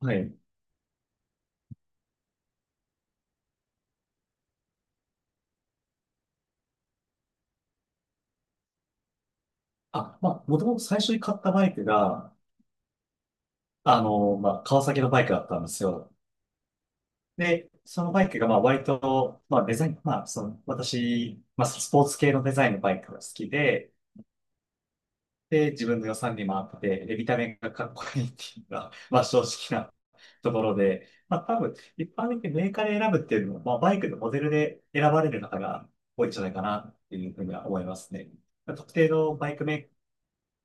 はい。もともと最初に買ったバイクが、川崎のバイクだったんですよ。で、そのバイクが、まあ、割と、まあ、デザイン、私、スポーツ系のデザインのバイクが好きで、で、自分の予算にも合ってて、で、見た目がかっこいいっていうのが、まあ、正直なところで、まあ、多分、一般的にメーカーで選ぶっていうのも、まあ、バイクのモデルで選ばれる方が多いんじゃないかなっていうふうには思いますね。特定のバイクメー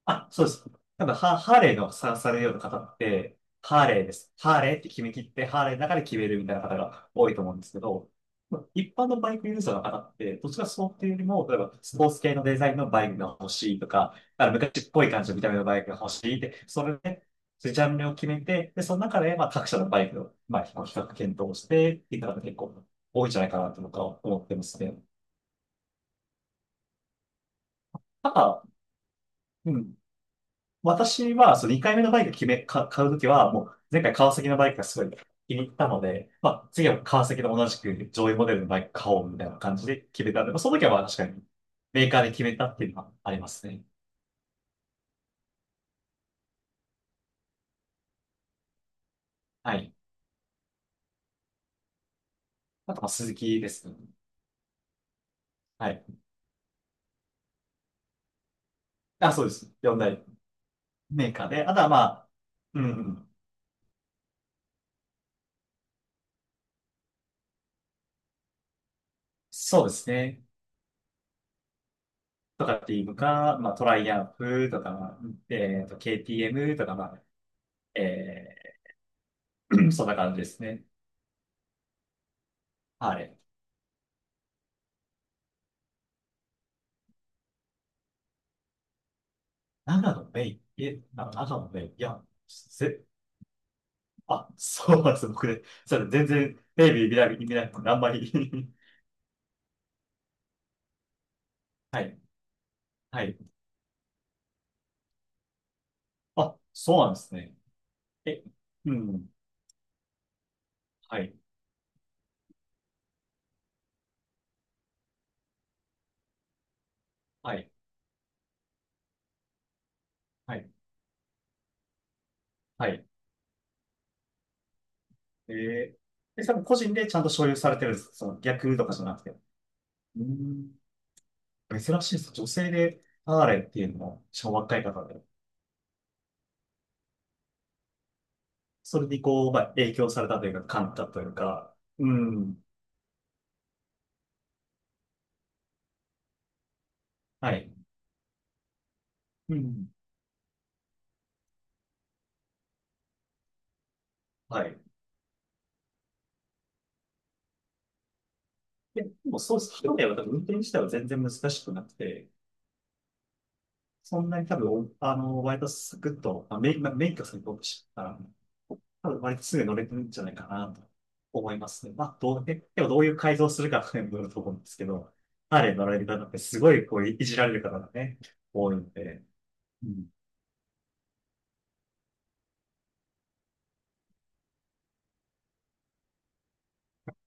あ、そうです。多分ハ、ハーレーのさ、されるような方って、ハーレーって決め切って、ハーレーの中で決めるみたいな方が多いと思うんですけど、まあ一般のバイクユーザーの方って、どちらかそうっていうよりも、例えばスポーツ系のデザインのバイクが欲しいとか、あの昔っぽい感じの見た目のバイクが欲しいって、それで、ジャンルを決めて、で、その中で、まあ、各社のバイクの、まあ、比較検討してっていう方が結構多いんじゃないかなと僕は思ってますね。ただ、うん。私は、その2回目のバイク決め、か、買うときは、もう、前回川崎のバイクがすごい気に入ったので、まあ、次は川崎の同じく上位モデルのバイク買おうみたいな感じで決めたので、まあ、その時は確かに、メーカーで決めたっていうのはありますね。はい。あと、まあ、鈴木ですね。はい。あ、そうです。よんだ大メーカーで。あとは、うん、そうですね。とかっていうか、まあ、トライアンフとか、KTM とか、えそんな感じですね。はい。長野メイン。いや、せ、あ、そうなんですよ、僕ね。それ全然テレビ見ないので、あんまり はい、はい。あ、そうなんですね。え、うん。はい、はい、はい、はい。えー、え、多分個人でちゃんと所有されてるんです。その逆とかじゃなくて。うん、珍しいですね。女性でハーレーっていうのも、しかも若い方で。それにこう、まあ、影響されたというか、感じたというか。うん。はい。うん。はい。いや、でもそうすると、一重は多分運転自体は全然難しくなくて、そんなに多分、あの、割とサクッと、まあ、メイン、まあ免許さんに僕知ったら、多分割とすぐ乗れてるんじゃないかなと思いますね。まあ、どう、ででもどういう改造するかというと思うんですけど、彼乗られる方ってすごいこういじられる方がね、多いので、うん、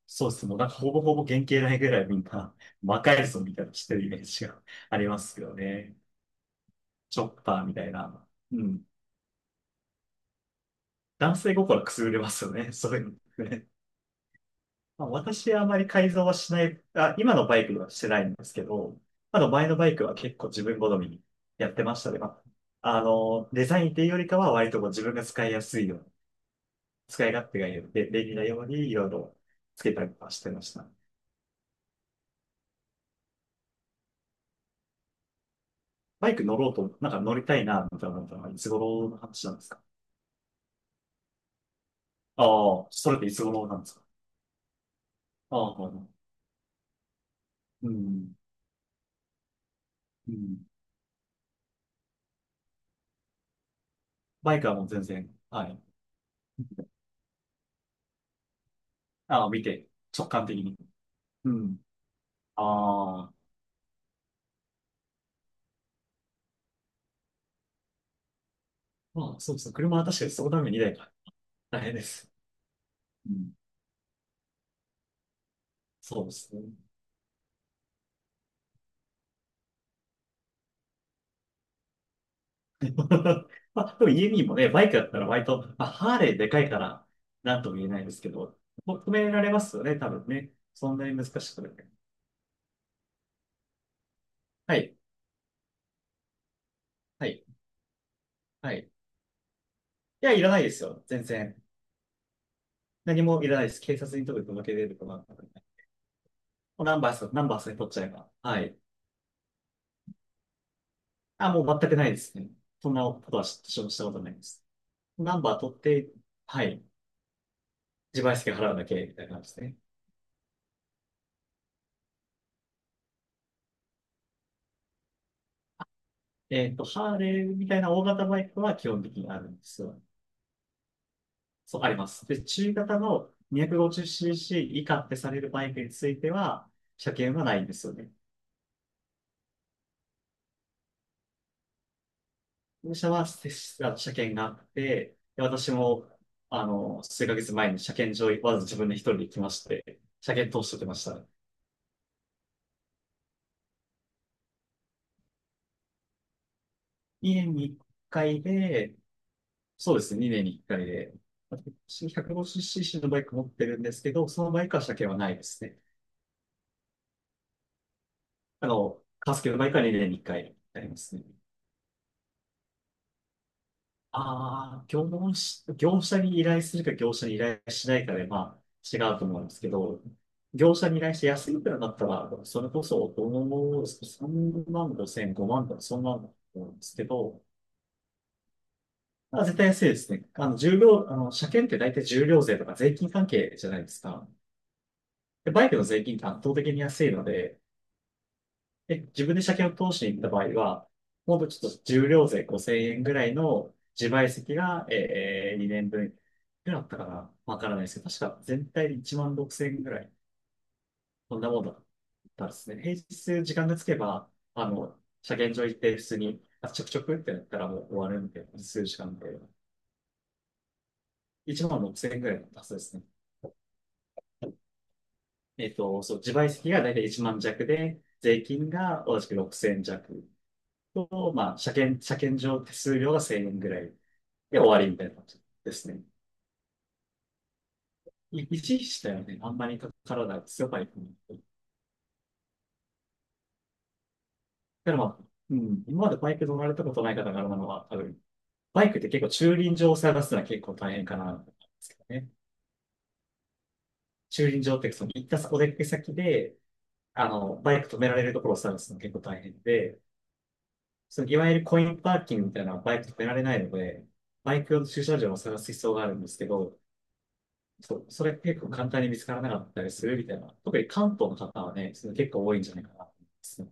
そうですね。もうなんかほぼほぼ原型ないぐらいみんな魔改造みたいなのしてるイメージがありますけどね。チョッパーみたいな。うん。男性心くすぐれますよね。そういうのね。まあ、私はあまり改造はしない、あ、今のバイクはしてないんですけど、あの前のバイクは結構自分好みにやってましたね。デザインっていうよりかは割とこう自分が使いやすいように、使い勝手がいいように、で便利なようにいろいろつけたりとかしてました。バイク乗ろうと、なんか乗りたいな、みたいなのはいつ頃の話なんですか？ああ、それっていつ頃なんですか？ああ、はいはい、うん、うん。バイクはもう全然、はい。ああ、見て、直感的に。うん。ああ、まあ、そうですね。車は確かにそのために2台か。大変です。うん。そうですね。まあ、でも EME もね、バイクだったら割と、まあ、ハーレーでかいから、なんとも言えないですけど、もう止められますよね、多分ね。そんなに難しくない。はい、はい、はい。いや、いらないですよ、全然。何もいらないです。警察に届け出るとかなんかね。もうナンバースに取っちゃえば。はい。あ、もう全くないですね。そんなことはし、私もしたことないです。ナンバー取って、はい。自賠責払うだけ、みたいな感じでね。えっと、ハーレーみたいな大型バイクは基本的にあるんですよ。そう、あります。で、中型の 250cc 以下ってされるバイクについては、車検はないんですよね。本社はせあ車検があって、で私も、あの、数ヶ月前に車検場、わざわざ自分で一人で行きまして、車検通してきました。2年に1回で、そうですね、2年に1回で、私 150cc のバイク持ってるんですけど、そのバイクは車検はないですね。あの、カスケの毎回年に1回ありますね。ああ、業務し、業者に依頼するか業者に依頼しないかで、まあ、違うと思うんですけど、業者に依頼して安いくらだったら、それこそ、3万5千、5万とか、そんなんだと思うんですけど、まあ、絶対安いですね。あの、車検って大体重量税とか税金関係じゃないですか。で、バイクの税金って圧倒的に安いので、で、自分で車検を通しに行った場合は、もっとちょっと重量税5000円ぐらいの自賠責が、2年分ぐらいあったかなわからないですけど、確か全体で1万6000円ぐらい、こんなものだったですね。平日時間がつけば、あの、車検場行って普通に、あ、ちょくちょくってやったらもう終わるんで、数時間で。1万6000円ぐらいだったはずですね。えっと、そう、自賠責が大体1万弱で、税金が同じく6000弱と、まあ、車検場手数料が1000円ぐらい。で、終わりみたいな感じですね。維持したよはね、あんまり体が強いバイクに。だかまあ、うん、今までバイク乗られたことない方があるのは、多分、バイクって結構駐輪場を探すのは結構大変かな、ですけどね。駐輪場って、その行ったお出かけ先で、あの、バイク止められるところを探すの結構大変で、そのいわゆるコインパーキングみたいなのはバイク止められないので、バイク用の駐車場を探す必要があるんですけど、そう、それ結構簡単に見つからなかったりするみたいな。特に関東の方はね、それ結構多いんじゃないかなと思いますね。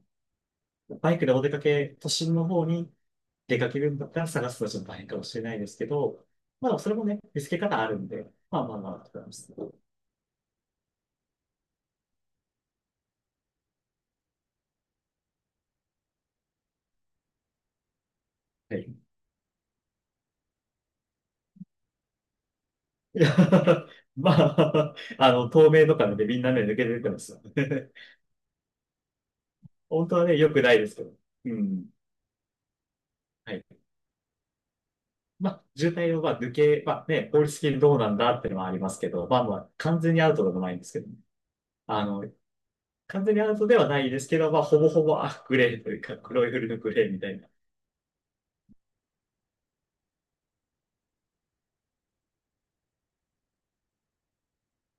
バイクでお出かけ、都心の方に出かけるんだったら探すのはちょっと大変かもしれないですけど、まあ、それもね、見つけ方あるんで、まあ、と思います。はい。いや まあ、あの、透明とかのでねみんな目抜けて出てますよね。本当はね、良くないですけど。うん。はい。まあ、渋滞をまあ抜け、まあね、法律的にどうなんだっていうのはありますけど、まあ、完全にアウトでもないんですけどね。あの、完全にアウトではないですけど、まあ、ほぼほぼ、あ、グレーというか、黒いフルのグレーみたいな。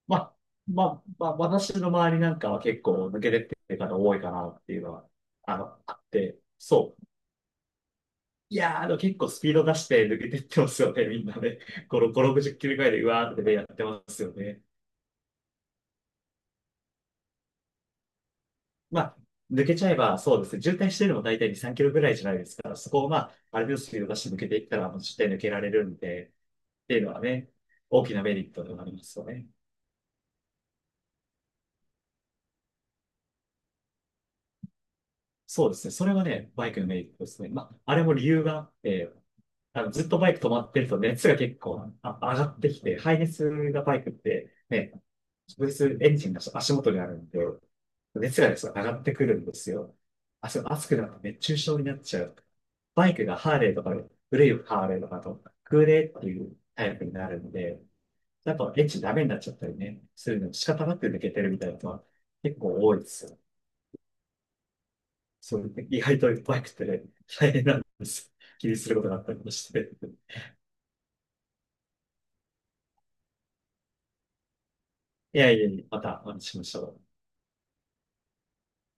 まあ、まあ、私の周りなんかは結構抜けてってる方多いかなっていうのは、あの、あって、そう。いやー、あの、結構スピード出して抜けてってますよね、みんなね。5、5、60キロぐらいで、うわーってね、やってますよね。まあ、抜けちゃえば、そうですね、渋滞してるのも大体2、3キロぐらいじゃないですから、そこをまあ、ある程度スピード出して抜けていったら、もう絶対抜けられるんで、っていうのはね、大きなメリットでもありますよね。そうですね。それはね、バイクのメリットですね。まあ、あれも理由があって、あの、ずっとバイク止まってると熱が結構上がってきて、排熱がバイクってね、直接エンジンが足元にあるんで、熱がですね、上がってくるんですよ。あ、そう、熱くなって熱中症になっちゃう。バイクがハーレーとかで、古いハーレーとかだと、空冷っていうタイプになるので、やっぱエンジンダメになっちゃったりね、するので仕方なく抜けてるみたいなのは結構多いですよ。そういう、意外といっぱいくて、大変なんです。気にすることがあったりもして。いや、またお話ししましょう。